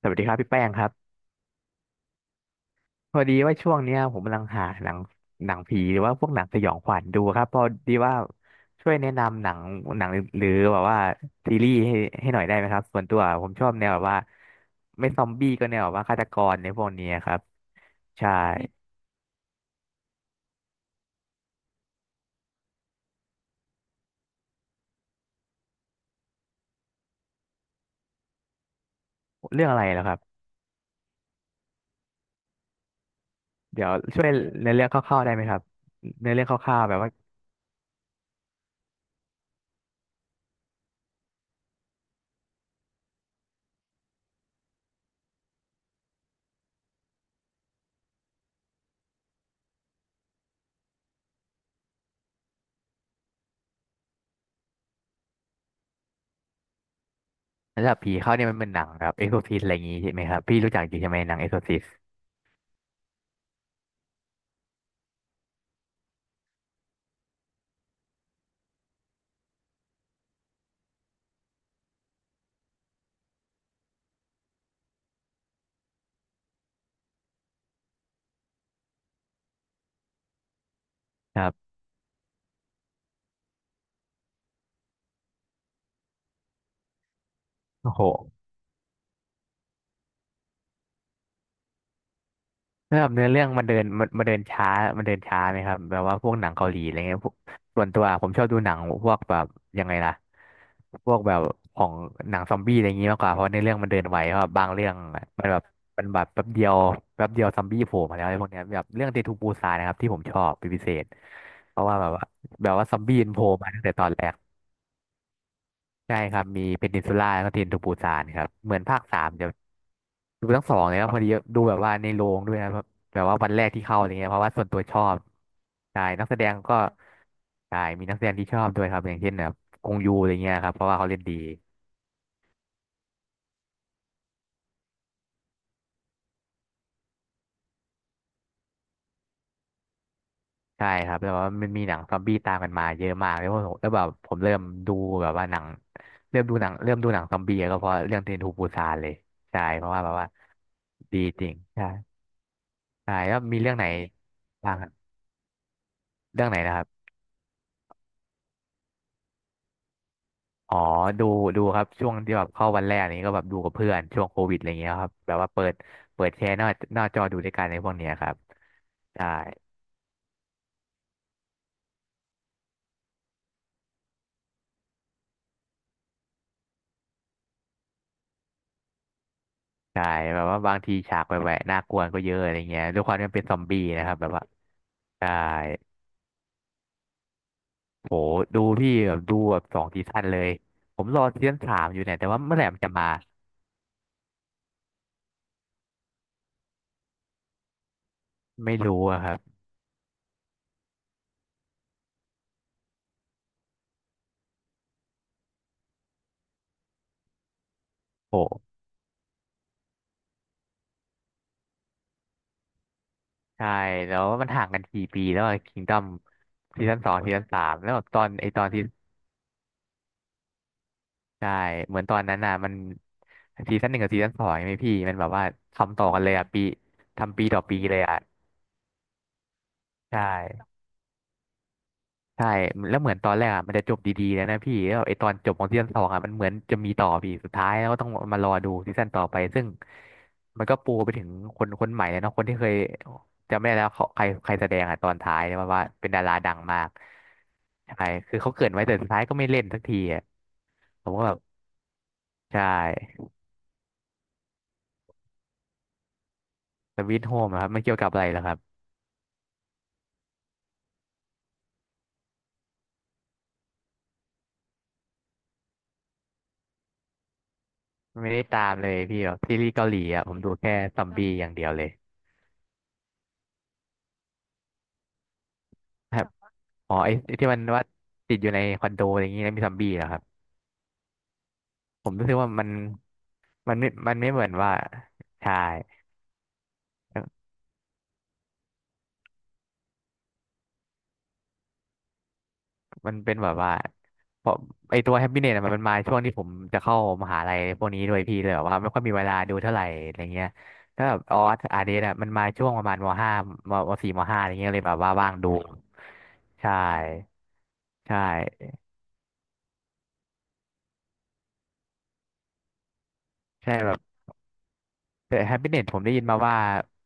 สวัสดีครับพี่แป้งครับพอดีว่าช่วงเนี้ยผมกำลังหาหนังหนังผีหรือว่าพวกหนังสยองขวัญดูครับพอดีว่าช่วยแนะนำหนังหนังหรือแบบว่าซีรีส์ให้ให้หน่อยได้ไหมครับส่วนตัวผมชอบแนวแบบว่าไม่ซอมบี้ก็แนวแบบว่าฆาตกรในพวกนี้ครับใช่เรื่องอะไรแล้วครับเดี๋ยวช่วยในอเรื่องคร่าวๆได้ไหมครับในอเรื่องคร่าวๆแบบว่าสำหระดับผีเข้าเนี่ยมันเป็นหนังแบบเอ็กโซซิสอะไรอย่างงี้ใช่ไหมครับพี่รู้จักจริงใช่ไหมหนังเอ็กโซซิสครับโอ้โห แล้วแบบเนื้อเรื่องมันเดินมันมันเดินช้ามันเดินช้าไหมครับแบบว่าพวกหนังเกาหลีอะไรเงี้ยพวกส่วนตัวผมชอบดูหนังพวกแบบยังไงล่ะพวกแบบของหนังซอมบี้อะไรอย่างงี้มากกว่าเพราะในอเรื่องมันเดินไวเพราะบางเรื่องมันแบบมันแบบแป๊บเดียวแป๊บเดียวซอมบี้โผล่มาแล้วอะไรพวกเนี้ยแบบเรื่องเดทูปูซานนะครับที่ผมชอบเป็นพิเศษเพราะว่าแบบว่าแบบว่าซอมบี้มันโผล่มาตั้งแต่ตอนแรกใช่ครับมีเพนินซูล่าแล้วก็เทนทูปูซานครับเหมือนภาคสามจะ ดูทั้งสองเลยครับพอดีดูแบบว่าในโรงด้วยนะแบบแบบว่าวันแรกที่เข้าอะไรเงี้ยเพราะว่าส่วนตัวชอบใช่นักแสดงก็ใช่มีนักแสดงที่ชอบด้วยครับอย่างเช่นแบบกงยูอะไรเงี้ยครับเพราะว่าเขาเล่นดีใช่ครับแล้วว่ามันมีหนังซอมบี้ตามกันมาเยอะมากแล้วผมแล้วแบบผมเริ่มดูแบบว่าหนังเริ่มดูหนังเริ่มดูหนังซอมบี้ก็เพราะเรื่องเทรนทูปูซานเลยใช่เพราะว่าแบบว่าดีจริงใช่ใช่แล้วมีเรื่องไหนบ้างครับเรื่องไหนนะครับ อ๋อดูดูครับช่วงที่แบบเข้าวันแรกนี้ก็แบบดูกับเพื่อนช่วงโควิดอะไรเงี้ยครับแบบว่าเปิดเปิดแชร์หน้าหน้าจอดูด้วยกันในพวกเนี้ยครับใช่ใช่แบบว่าบางทีฉากแหวะๆน่ากลัวก็เยอะอะไรเงี้ยด้วยความที่มันเป็นซอมบี้นะครับแบบว่าใช่โหดูพี่แบบดูแบบสองซีซั่นเลยผมรอซีซั่นสามอยู่เนี่ยแต่ว่าเมื่อไหร่มันจะมาไม่รู้อะครับโหใช่แล้วมันห่างกันกี่ปีแล้วคิงดอมซีซั่นสองซีซั่นสามแล้วแบบตอนไอตอน ใช่เหมือนตอนนั้นน่ะมันซีซั่นหนึ่งกับซีซั่นสองไหมพี่มันแบบว่าทำต่อกันเลยอ่ะปีทำปีต่อปีเลยอ่ะใช่ใช่แล้วเหมือนตอนแรกอ่ะมันจะจบดีๆแล้วนะพี่แล้วไอตอนจบของซีซั่นสองอ่ะมันเหมือนจะมีต่อพี่สุดท้ายแล้วก็ต้องมารอดูซีซั่นต่อไปซึ่งมันก็ปูไปถึงคนคนใหม่เลยเนาะคนที่เคยจำไม่ได้แล้วเขาใครใครแสดงอ่ะตอนท้ายเนี่ยว่าว่าเป็นดาราดังมากใช่คือเขาเกริดไว้แต่สุดท้ายก็ไม่เล่นสักทีอ่ะผมก็แบบใช่สวีทโฮมครับมันเกี่ยวกับอะไรเหรอครับ ไม่ได้ตามเลยพี่แบบซีรีส์เกาหลีอ่ะผมดูแค่ซอมบี้อย่างเดียวเลยครับอ๋อไอ้ไอ้ที่มันว่าติดอยู่ในคอนโดอะไรอย่างงี้แล้วมีซอมบี้เหรอครับผมรู้สึกว่ามันมันไม่มันไม่เหมือนว่าใช่มันเป็นแบบว่าเพราะไอตัวแฮปปี้เน็ตมันมันมาช่วงที่ผมจะเข้ามหาลัยพวกนี้ด้วยพี่เลยแบบว่าไม่ค่อยมีเวลาดูเท่าไหร่อะไรเงี้ยถ้าแบบออสอาร์เดน่ะมันมาช่วงประมาณมห้ามมสี่มห้าอะไรเงี้ยเลยแบบว่าว่างดูใช่ใช่ใช่แบบ แต่แฮปปี้เน็ตผมได้ยินมาว่า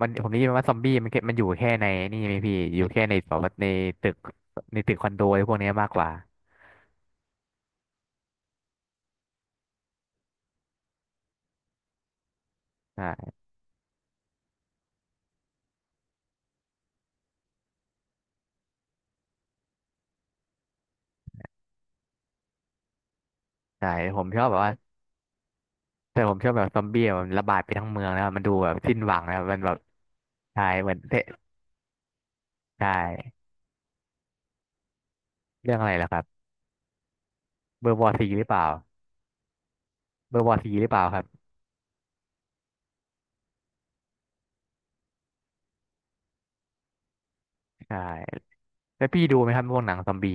มันผมได้ยินมาว่าซอมบี้มันแค่มันอยู่แค่ในนี่ไหมพี่อยู่แค่ในแบบว่าในตึกในตึกคอนโดอะไรพวกเนี้ยมากกว่าอ่าใช่ผมชอบแบบว่าแต่ผมชอบแบบซอมบี้อะมันระบาดไปทั้งเมืองแล้วมันดูแบบสิ้นหวังนะมันแบบใช่เหมือนเตะใช่เรื่องอะไรล่ะครับเบอร์วอซีหรือเปล่าเบอร์วอซีหรือเปล่าครับใช่แล้วพี่ดูไหมครับพวกหนังซอมบี้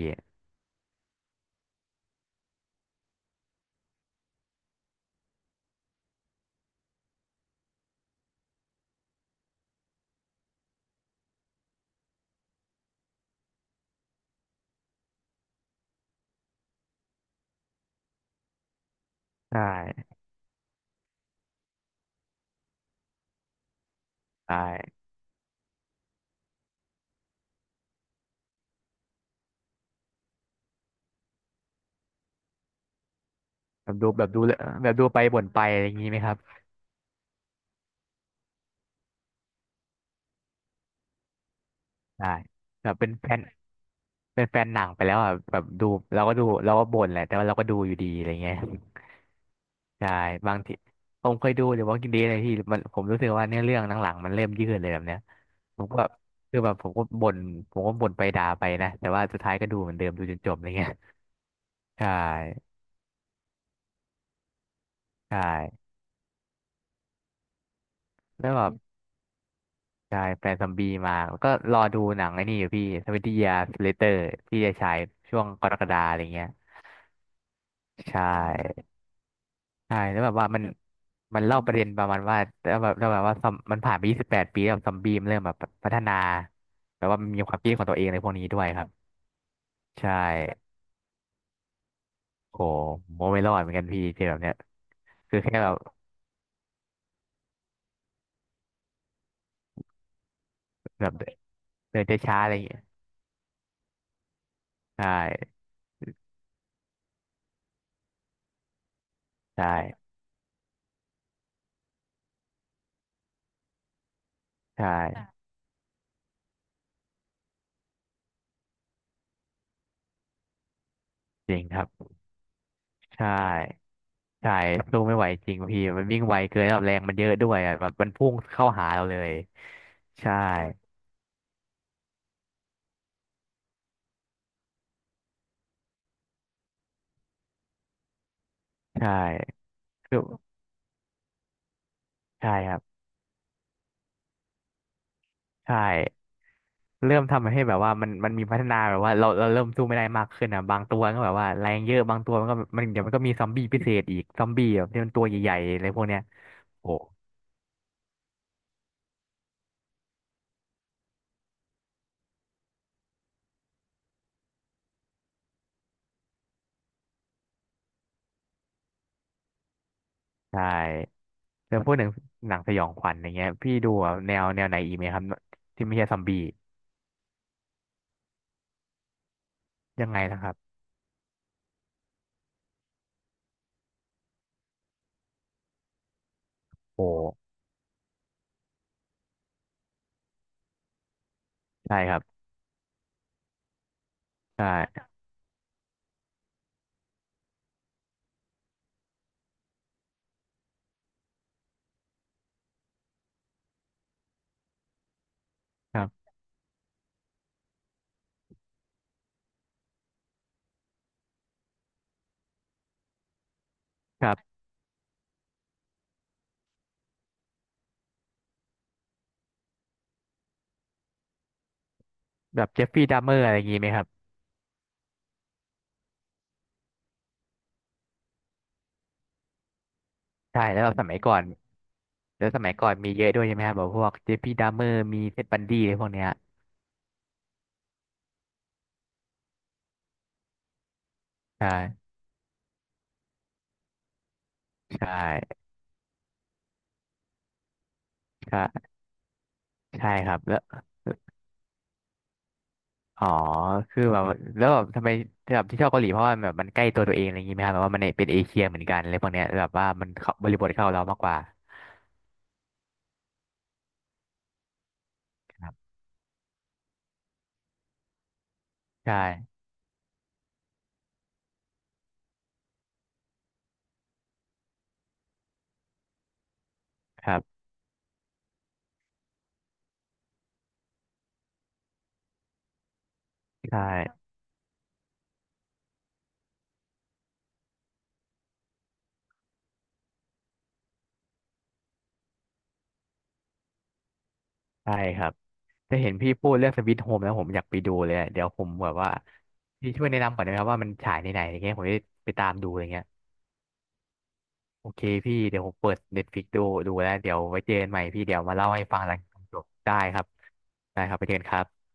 ใช่ใช่แบบดูแบบดูแบบดูไปบ่นไปอะไรอย่างนี้ไหมครับใช่แบบเป็นแฟน เป็นแฟนหนังไปแล้วอ่ะแบบดูเราก็ดูเราก็บ่นแหละแต่ว่าเราก็ดูอยู่ดีอะไรเงี้ย ใช่บางทีผมเคยดูเดี๋ยวว่ากินดีเลยพี่มันผมรู้สึกว่าเนื้อเรื่องหลังๆมันเริ่มยืดเลยแบบเนี้ยผมก็คือแบบผมก็บ่นไปด่าไปนะแต่ว่าสุดท้ายก็ดูเหมือนเดิมดูจนจบอะไรเงี้ย ใช่ใช่แล้วแบบใช่แฟนซอมบี้มาแล้วก็รอดูหนังไอ้นี่อยู่พี่ทเว e n t y Years Later พี่จะฉายช่วงกรกฎาอะไรเงี้ยใช่ ใช่แล้วแบบว่ามันเล่าประเด็นประมาณว่าแล้วแบบว่าซอมมันผ่านไป28 ปีแล้วซอมบี้มันเริ่มแบบพัฒนาแบบว่ามันมีความคิดของตัวเองในพวกนี้ด้วยครับใช่โหโมไม่รอดเหมือนกันพี่เจอแบบเนี้ยคือแค่แบบแบบเดินช้าๆอะไรอย่างเงี้ยใช่ใช่ใช่จริงครับใช่ใช่สู้ไม่ไหวจริงพี่มันวิ่งไวเกินแล้วแรงมันเยอะด้วยอะแบบมันพุ่งเข้าหาเราเลยใช่ใช่คือใช่ครับใช่ เริ่มทำให้แบบว่ามันมีพัฒนาแบบว่าเราเริ่มสู้ไม่ได้มากขึ้นอ่ะบางตัวก็แบบว่าแรงเยอะบางตัวมันก็มันเดี๋ยวมันก็มีซอมบี้พิเศษอีกซอมบี้แบบที่มันตัวใหญ่ๆอะไรพวกเนี้ยโอ้ใช่แล้วพวกหนังหนังสยองขวัญอย่างเงี้ยพี่ดูแบบแนวไหนอีกไหมครับที่ไม่ใช่ซอมบี้ยังไงนะครับโอ้ใช่ครับใช่ครับครับแบบเจฟฟี่ดัมเมอร์อะไรอย่างงี้ไหมครับใช่แล้วแบบสมัยก่อนแล้วสมัยก่อนมีเยอะด้วยใช่ไหมครับแบบพวกเจฟฟี่ดัมเมอร์มีเท็ดบันดี้อะไรพวกเนี้ยใช่ใช่ใช่ใช่ครับแล้ว อ๋อ คือแบบแล้วแบบทำไมแบบที่ชอบเกาหลีเพราะว่าแบบมันใกล้ตัวตัวเองอะไรอย่างงี้ไหมครับแบบว่ามันเป็นเอเชียเหมือนกันอะไรพวกเนี้ยแบบว่ามันเข้าบริบทเข้าเรามากกว่าครับใช่ ครับใช่ใช่ครับ จะเห็นพี่พูดเรื่องสวิตโฮมแล้วผมอยากไปดูเลยอะเดี๋ยวผมแบบว่าพี่ช่วยแนะนำก่อนได้ไหมครับว่ามันฉายในไหนอะไรเงี้ยผมจะไปตามดูอะไรเงี้ยโอเคพี่เดี๋ยวผมเปิดเน็ตฟลิกดูดูแล้วเดี๋ยวไว้เจอกันใหม่พี่เดี๋ยวมาเล่าให้ฟังหลังจบได้ครับได้ครับไปเจอกันครับ